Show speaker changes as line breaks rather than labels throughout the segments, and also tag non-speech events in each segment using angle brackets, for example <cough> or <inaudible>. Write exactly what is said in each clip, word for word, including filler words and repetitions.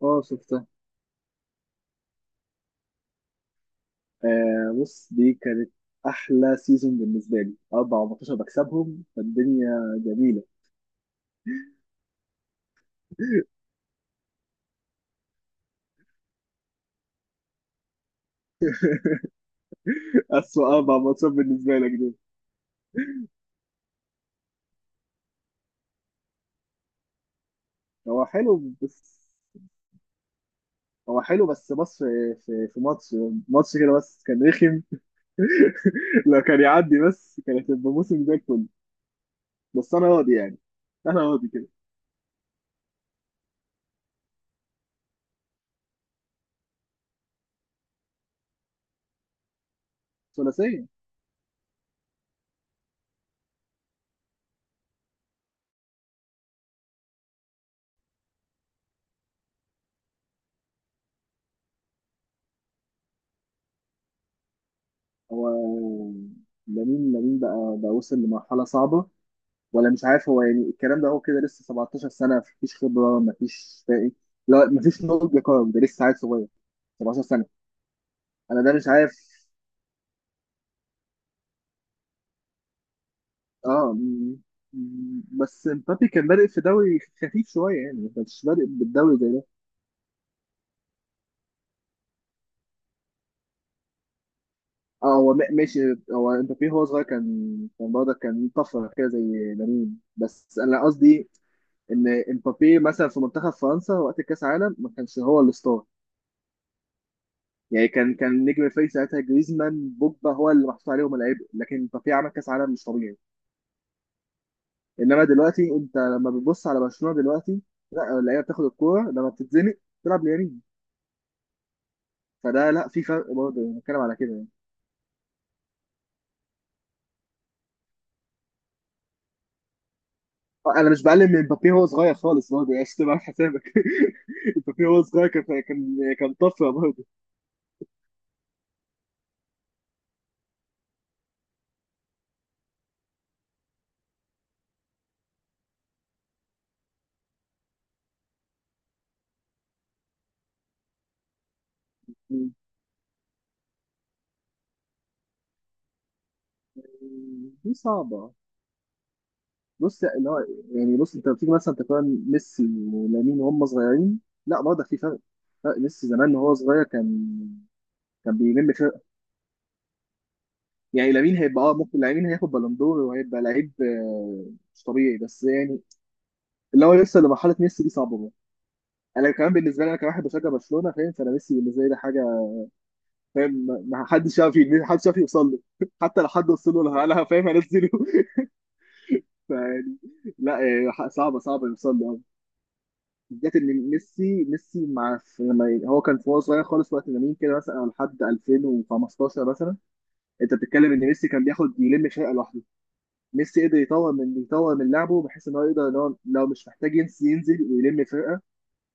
اه شفتها. آه بص، دي كانت احلى سيزون بالنسبه لي، اربع ماتشات بكسبهم فالدنيا جميله. <laughs> اسوء اربع ماتشات بالنسبه لك دول. هو حلو بس. هو حلو بس بص، في في في ماتش، ماتش كده بس كان رخم. <laughs> لو كان يعدي بس، كانت هتبقى موسم زي الفل. بس انا راضي يعني، انا راضي كده. ثلاثيه. هو لامين، لامين بقى بقى وصل لمرحله صعبه، ولا مش عارف. هو يعني الكلام ده هو كده لسه سبعتاشر سنه، مفيش خبره، مفيش فاهم. لا، مفيش نضج يا كرم، ده لسه عيل صغير، سبعتاشر سنه. انا ده مش عارف. اه، م- م- بس مبابي كان بادئ في دوري خفيف شويه يعني، ما كانش بادئ بالدوري زي ده. اه هو ما- ماشي. هو مبابي هو صغير كان، كان برضه كان طفره كده زي لامين، بس انا قصدي ان مبابي مثلا في منتخب فرنسا وقت كاس العالم ما كانش هو الستار. يعني كان كان نجم الفريق ساعتها، جريزمان بوجبا هو اللي محطوط عليهم العبء، لكن بافيه عمل كاس عالم مش طبيعي. انما دلوقتي انت لما بتبص على برشلونه دلوقتي، لا، اللعيبه بتاخد الكوره لما بتتزنق تلعب ليمين. فده، لا في فرق برضه، يعني بتكلم على كده يعني. آه، انا مش بقلل من مبابي، هو صغير خالص برضه، يعني عشان تبقى عامل حسابك. <laughs> مبابي هو صغير كان، كان كان طفره برضه. دي صعبه. بص اللي هو، يعني بص انت لما تيجي مثلا تقارن ميسي ولامين وهم صغيرين، لا برضه في فرق. فرق ميسي زمان وهو صغير كان، كان بيلم فرق. يعني لامين هيبقى، اه ممكن لامين هياخد بالون دور وهيبقى لعيب، آه، مش طبيعي، بس يعني اللي هو لسه لمرحله ميسي دي صعبه برضه. انا كمان بالنسبه لي، انا كواحد بشجع برشلونه فاهم، فانا ميسي بالنسبه لي ده حاجه فاهم. ما ما حدش يعرف، ي- ما حدش يعرف يوصل له. <laughs> حتى لو حد وصل له، انا فاهم هنزله. <laughs> فيعني لا، يعني صعبه، صعبه يوصل له. بالذات ان ميسي، ميسي مع في لما هو كان في وهو صغير خالص وقت لامين كده، مثلا لحد الفين وخمستاشر مثلا، انت بتتكلم ان ميسي كان بياخد يلم فرقه لوحده. ميسي قدر يطور من يطور من لعبه بحيث ان هو يقدر ان هو لو مش محتاج ينزل، ينزل ويلم فرقه،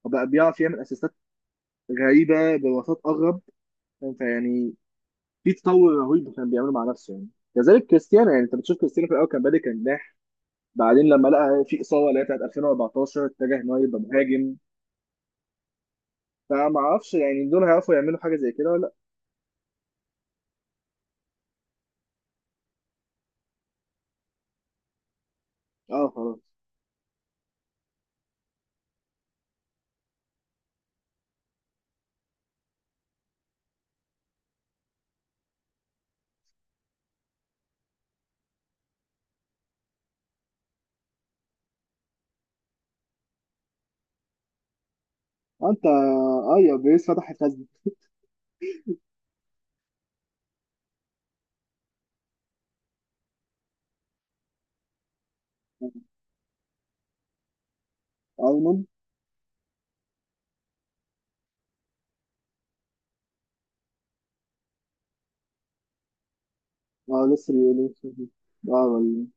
وبقى بيعرف يعمل اسيستات غريبه بوساط اغرب، انت يعني. في تطور رهيب كان بيعمله مع نفسه يعني. كذلك كريستيانو، يعني انت بتشوف كريستيانو في الاول كان بادئ كجناح، بعدين لما لقى في اصابه اللي هي بتاعت الفين واربعتاشر اتجه ان هو يبقى مهاجم. فما اعرفش يعني دول هيعرفوا يعملوا حاجه زي كده ولا. اه خلاص. انت اه يا بيس فتح الخزنة. ارنولد. اه لسه بيقولوا. اه ولا-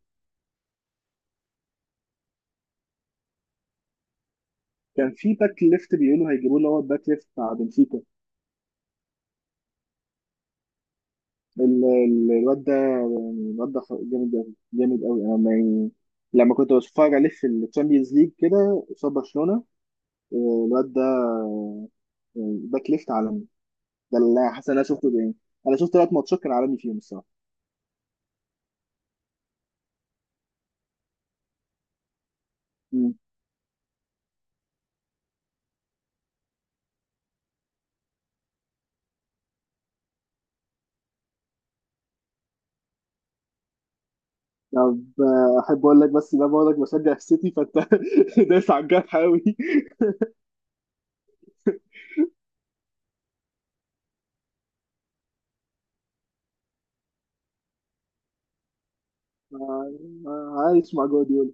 كان في باك ليفت بيقولوا هيجيبوا له، هو الباك ليفت بتاع بنفيكا. ال- ال- الواد ده، يعني الواد ده خ- جامد قوي جامد قوي، انا ما- يعني لما كنت بتفرج عليه في الشامبيونز ليج كده قصاد برشلونة، آه، الواد ده يعني باك ليفت عالمي. ده اللي حاسس انا شفته يعني، انا شفت ثلاث ماتشات كان عالمي فيهم الصراحة. مم. طب آه، احب اقول لك، بس ده بقول لك بشجع السيتي فانت <laughs> دايس على الجرح قوي. آه، عايش مع جوارديولا.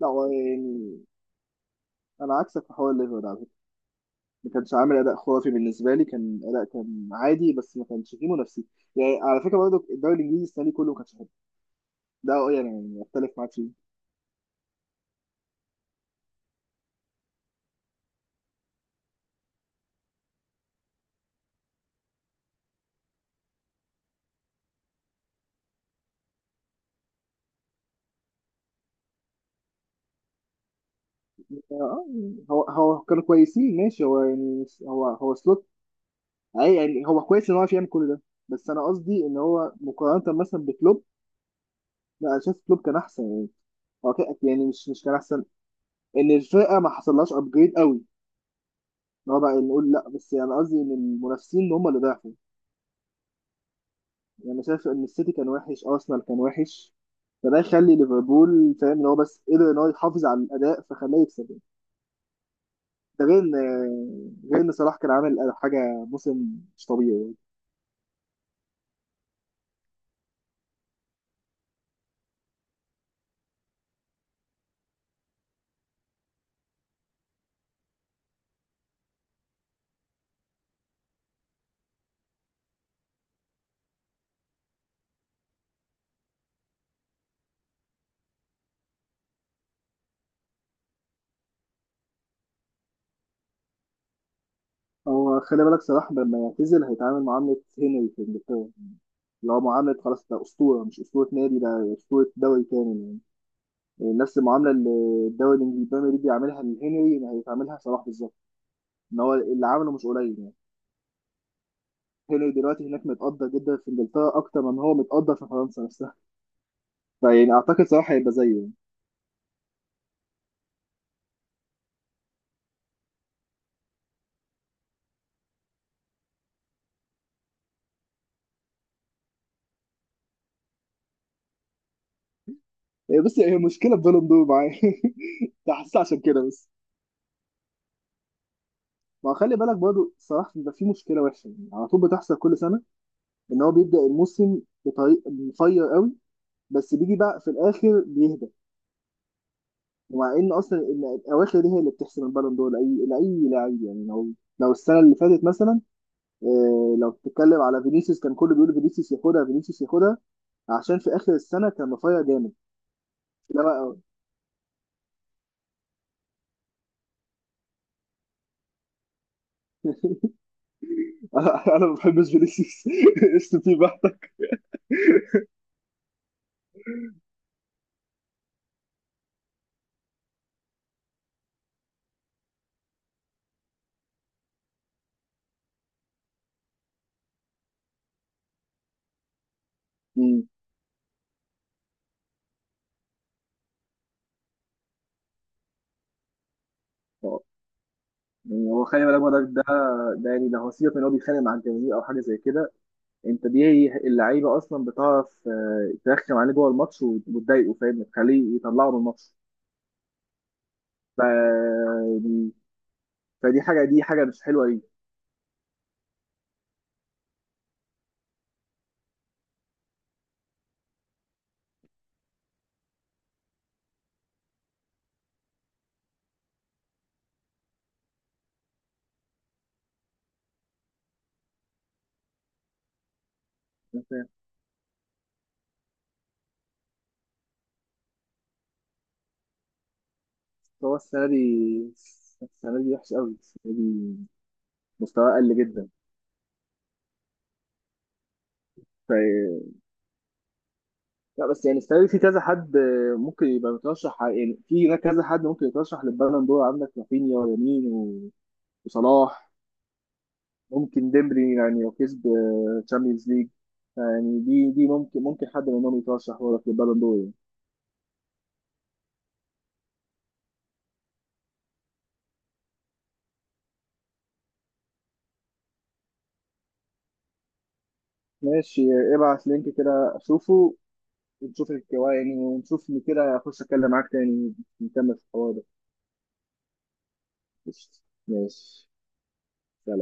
لا هو يعني، انا عكسك في حوار ليفربول على فكره. ما كانش عامل اداء خرافي بالنسبه لي، كان اداء كان عادي بس ما كانش فيه منافسين. يعني على فكره برضه، الدوري الانجليزي السنه دي كله ما كانش حلو، ده اه يعني اختلف معاك فيه. آه، هو هو كانوا كويسين ماشي، هو يعني هو هو سلوت. أي- يعني هو كويس ان هو عارف يعمل كل ده، بس انا قصدي ان هو مقارنه مثلا بكلوب، لا انا شايف كلوب كان احسن يعني. هو كان- يعني مش مش كان احسن، ان الفرقه ما حصلهاش ابجريد قوي اللي هو، بقى نقول لا بس يعني قصدي ان المنافسين هم اللي ضعفوا. يعني انا شايف ان السيتي كان وحش، ارسنال كان وحش، فده يخلي ليفربول فاهم ان هو بس قدر ان هو يحافظ على الاداء فخلاه يكسب يعني. ده غير ان، غير ان صلاح كان عامل حاجه، موسم مش طبيعي يعني. هو خلي بالك، صلاح لما يعتزل هيتعامل معامله هنري في انجلترا، اللي هو معامله خلاص، ده اسطوره، مش اسطوره نادي، ده اسطوره دوري كامل يعني. يعني نفس المعامله اللي الدوري الانجليزي البريمير ليج بيعملها لهنري هيتعاملها صلاح بالظبط، ان هو اللي عمله مش قليل يعني. هنري دلوقتي هناك متقدر جدا في انجلترا، اكتر من هو متقدر في فرنسا نفسها، فيعني اعتقد صلاح هيبقى زيه يعني. إيه، بس هي مشكله في بالون دور معاه، <laughs> ده حاسس عشان كده بس. ما خلي بالك برضه، صلاح بيبقى فيه مشكله وحشه يعني على طول بتحصل كل سنه، ان هو بيبدا الموسم بطريق مفير قوي، بس بيجي بقى في الاخر بيهدى، ومع ان اصلا إن الاواخر دي هي اللي بتحسم البالون دور لاي لاي لعيب يعني. لو، لو السنه اللي فاتت مثلا، إيه لو بتتكلم على فينيسيوس، كان كله بيقول فينيسيوس ياخدها فينيسيوس ياخدها، عشان في اخر السنه كان رفيع جامد. انما انا <laughs> أنا ما بحبش فينيسيوس <laughs> قشط فيه بحتة. مم. هو- يعني هو خلي بالك برضك ده، ده يعني ده هو سيبك من إن هو بيتخانق مع الجماهير او حاجه زي كده، انت دي اللعيبه اصلا بتعرف آه، ترخم عليه جوه الماتش وت- وتضايقه فاهم، تخليه يطلعه من الماتش. ف يعني- فدي حاجه، دي حاجه مش حلوه ليه. أنت- هو السنه دي، السنه دي وحش قوي السنه دي، مستواه قل جدا. لا بس يعني السنه دي في كذا حد ممكن يبقى مترشح على- يعني في هناك كذا حد ممكن يترشح للبالون دور. عندك رافينيا، ويمين و- وصلاح، ممكن ديمبلي يعني لو كسب تشامبيونز ليج، يعني دي دي ممكن، ممكن حد منهم يترشح برضه للبالون دور يعني. ماشي، ابعت لينك كده اشوفه، ونشوف الكوا يعني، ونشوف إن كده اخش اتكلم معاك تاني، نكمل في الحوار ده. قشطة. ماشي. سلام.